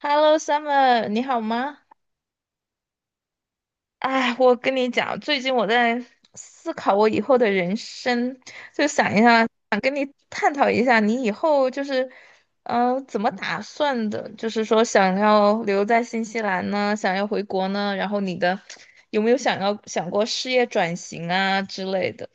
Hello Summer，你好吗？哎，我跟你讲，最近我在思考我以后的人生，就想一下，想跟你探讨一下，你以后就是，怎么打算的？就是说，想要留在新西兰呢，想要回国呢，然后你的有没有想过事业转型啊之类的？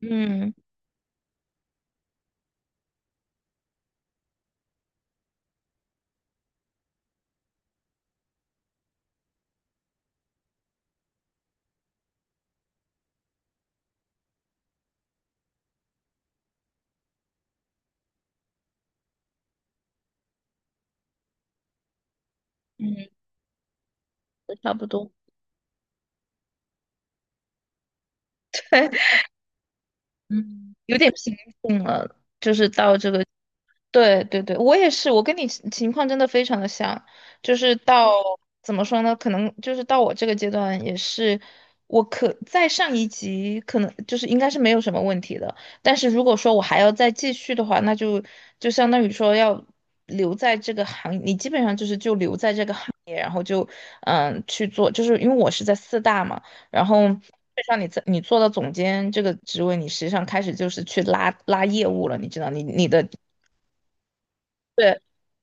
嗯嗯，差不多。嗯，有点平静了，就是到这个。对对对，我也是，我跟你情况真的非常的像，就是到怎么说呢？可能就是到我这个阶段也是，我可在上一级可能就是应该是没有什么问题的，但是如果说我还要再继续的话，那就相当于说要留在这个行业，你基本上就是就留在这个行业，然后就去做，就是因为我是在四大嘛，然后。让你在你做到总监这个职位，你实际上开始就是去拉拉业务了，你知道，你的。对。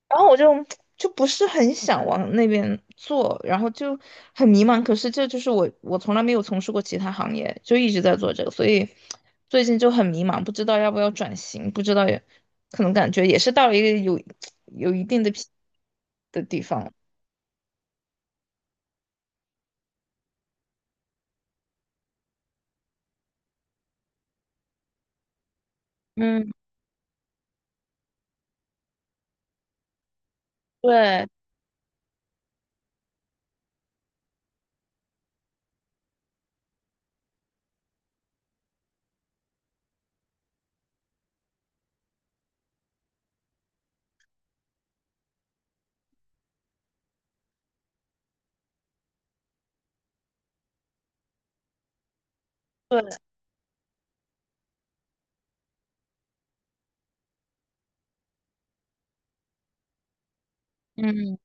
然后我就不是很想往那边做，然后就很迷茫。可是这就是我，我从来没有从事过其他行业，就一直在做这个，所以最近就很迷茫，不知道要不要转型，不知道也可能感觉也是到了一个有一定的疲的地方。嗯，对对，嗯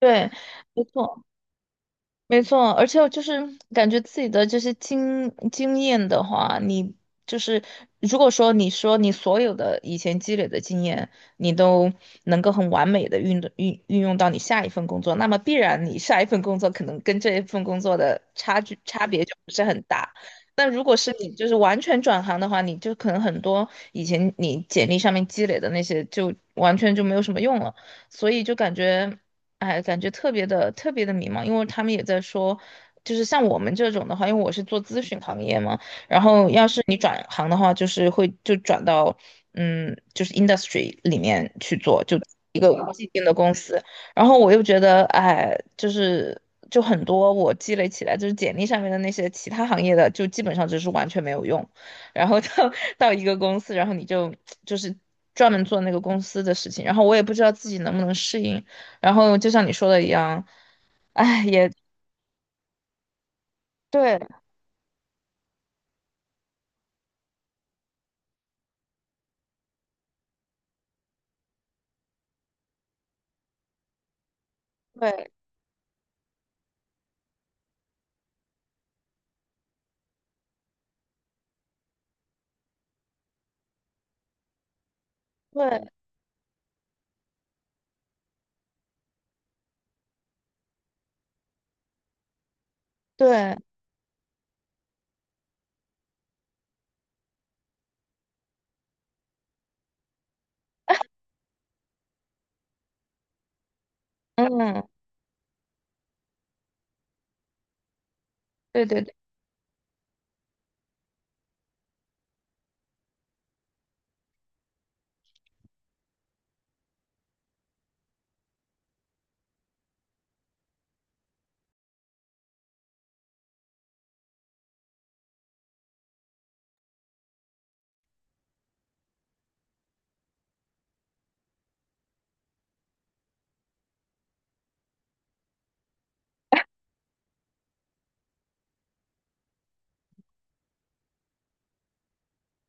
对，没错。没错，而且我就是感觉自己的这些经验的话，你就是如果说你说你所有的以前积累的经验，你都能够很完美的运用到你下一份工作，那么必然你下一份工作可能跟这一份工作的差距差别就不是很大。但如果是你就是完全转行的话，你就可能很多以前你简历上面积累的那些就完全就没有什么用了，所以就感觉。哎，感觉特别的特别的迷茫，因为他们也在说，就是像我们这种的话，因为我是做咨询行业嘛，然后要是你转行的话，就是会就转到就是 industry 里面去做，就一个既定的公司。然后我又觉得，哎，就是就很多我积累起来，就是简历上面的那些其他行业的，就基本上就是完全没有用。然后到 到一个公司，然后你就是专门做那个公司的事情，然后我也不知道自己能不能适应。然后就像你说的一样，哎，也对，对，对，对，嗯，对对对，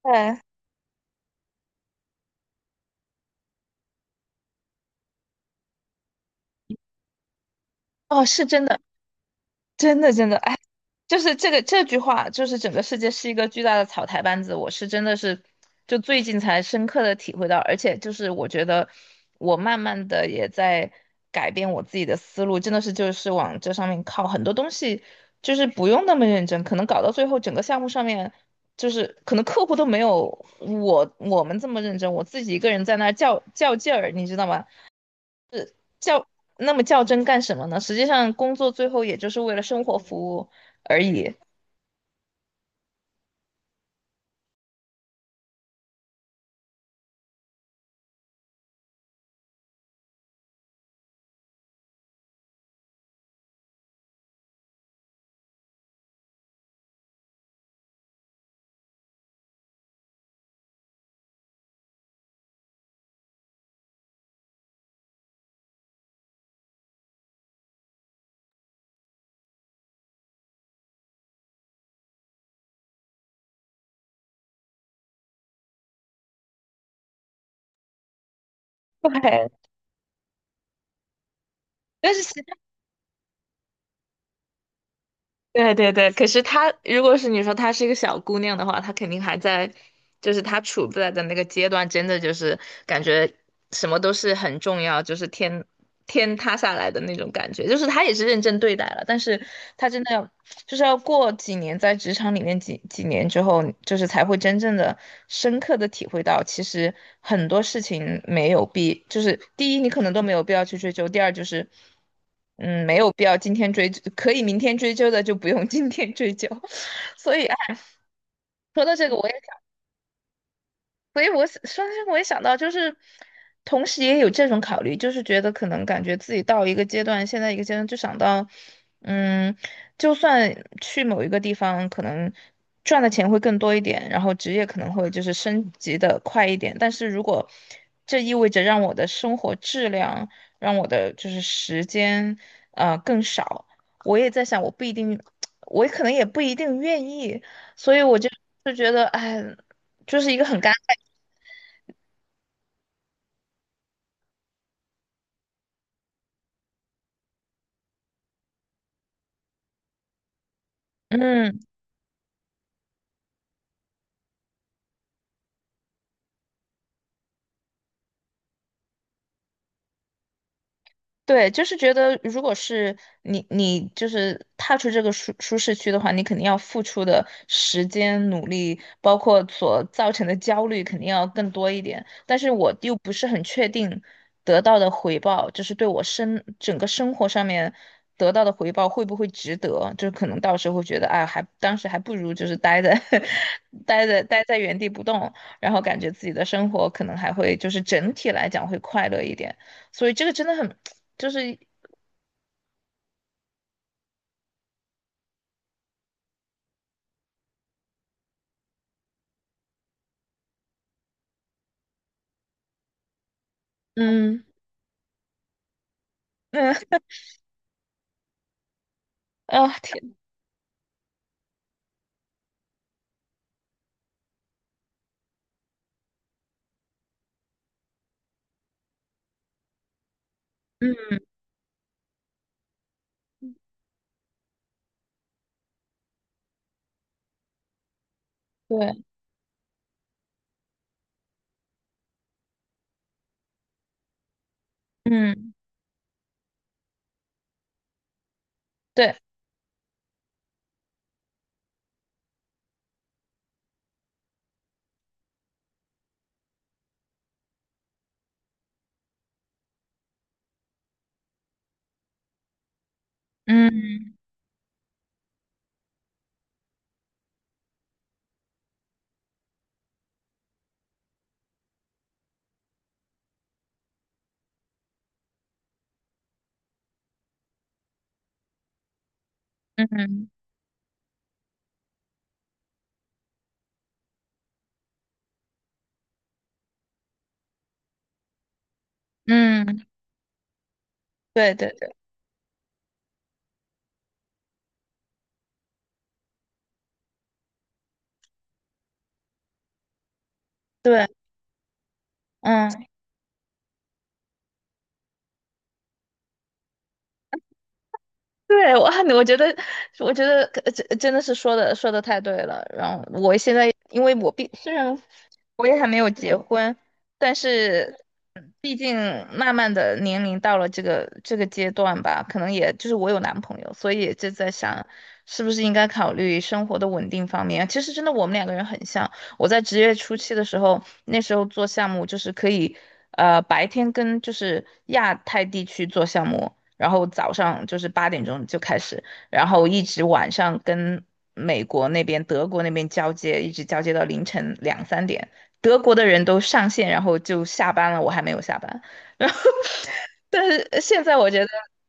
对，哦，是真的，真的真的，哎。就是这句话，就是整个世界是一个巨大的草台班子。我是真的是，就最近才深刻的体会到，而且就是我觉得我慢慢的也在改变我自己的思路，真的是就是往这上面靠，很多东西就是不用那么认真，可能搞到最后整个项目上面，就是可能客户都没有我们这么认真，我自己一个人在那儿较劲儿，你知道吗？较那么较真干什么呢？实际上工作最后也就是为了生活服务而已。对，但是对对对。可是她如果是你说她是一个小姑娘的话，她肯定还在，就是她处在的那个阶段，真的就是感觉什么都是很重要，就是天塌下来的那种感觉。就是她也是认真对待了，但是她真的要就是要过几年在职场里面几年之后，就是才会真正的深刻的体会到。其实很多事情没有必，就是第一你可能都没有必要去追究，第二就是。嗯，没有必要今天追，可以明天追究的就不用今天追究。所以，哎，说到这个，我也。所以我想，我也想到，就是同时也有这种考虑，就是觉得可能感觉自己到一个阶段，现在一个阶段就想到，嗯，就算去某一个地方，可能赚的钱会更多一点，然后职业可能会就是升级的快一点，但是如果这意味着让我的生活质量，让我的就是时间，更少，我也在想，我不一定，我可能也不一定愿意，所以我就觉得，哎。就是一个很尴尬。嗯，对，就是觉得，如果是你，你就是踏出这个舒适区的话，你肯定要付出的时间、努力，包括所造成的焦虑，肯定要更多一点。但是我又不是很确定得到的回报，就是对我整个生活上面得到的回报会不会值得？就是可能到时候会觉得，哎，当时还不如就是待在 待在原地不动，然后感觉自己的生活可能还会就是整体来讲会快乐一点。所以这个真的很，就是嗯嗯啊天，嗯对嗯对嗯嗯嗯对对对对嗯。对，我觉得，我觉得真的是说的太对了。然后我现在，因为我虽然我也还没有结婚，但是毕竟慢慢的年龄到了这个阶段吧，可能也就是我有男朋友，所以也就在想，是不是应该考虑生活的稳定方面。其实真的我们两个人很像，我在职业初期的时候，那时候做项目就是可以，白天跟就是亚太地区做项目。然后早上就是8点钟就开始，然后一直晚上跟美国那边、德国那边交接，一直交接到凌晨两三点。德国的人都上线，然后就下班了，我还没有下班。然后，但是现在我觉得，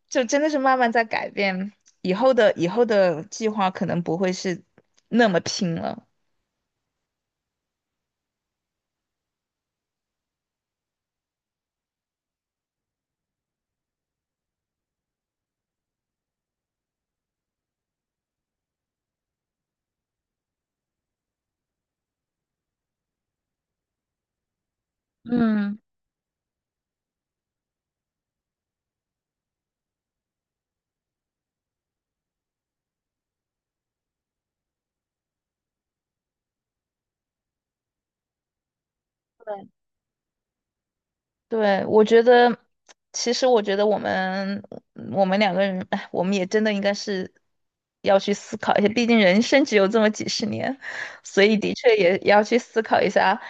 就真的是慢慢在改变。以后的计划可能不会是那么拼了。嗯。对。对，我觉得，其实我觉得我们我们两个人，哎，我们也真的应该是要去思考一下，毕竟人生只有这么几十年，所以的确也要去思考一下，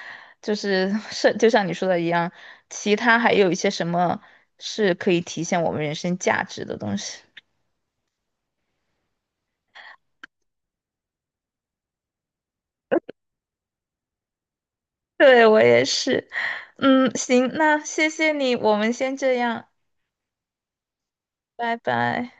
就是就像你说的一样，其他还有一些什么是可以体现我们人生价值的东西。对，我也是，嗯，行，那谢谢你，我们先这样，拜拜。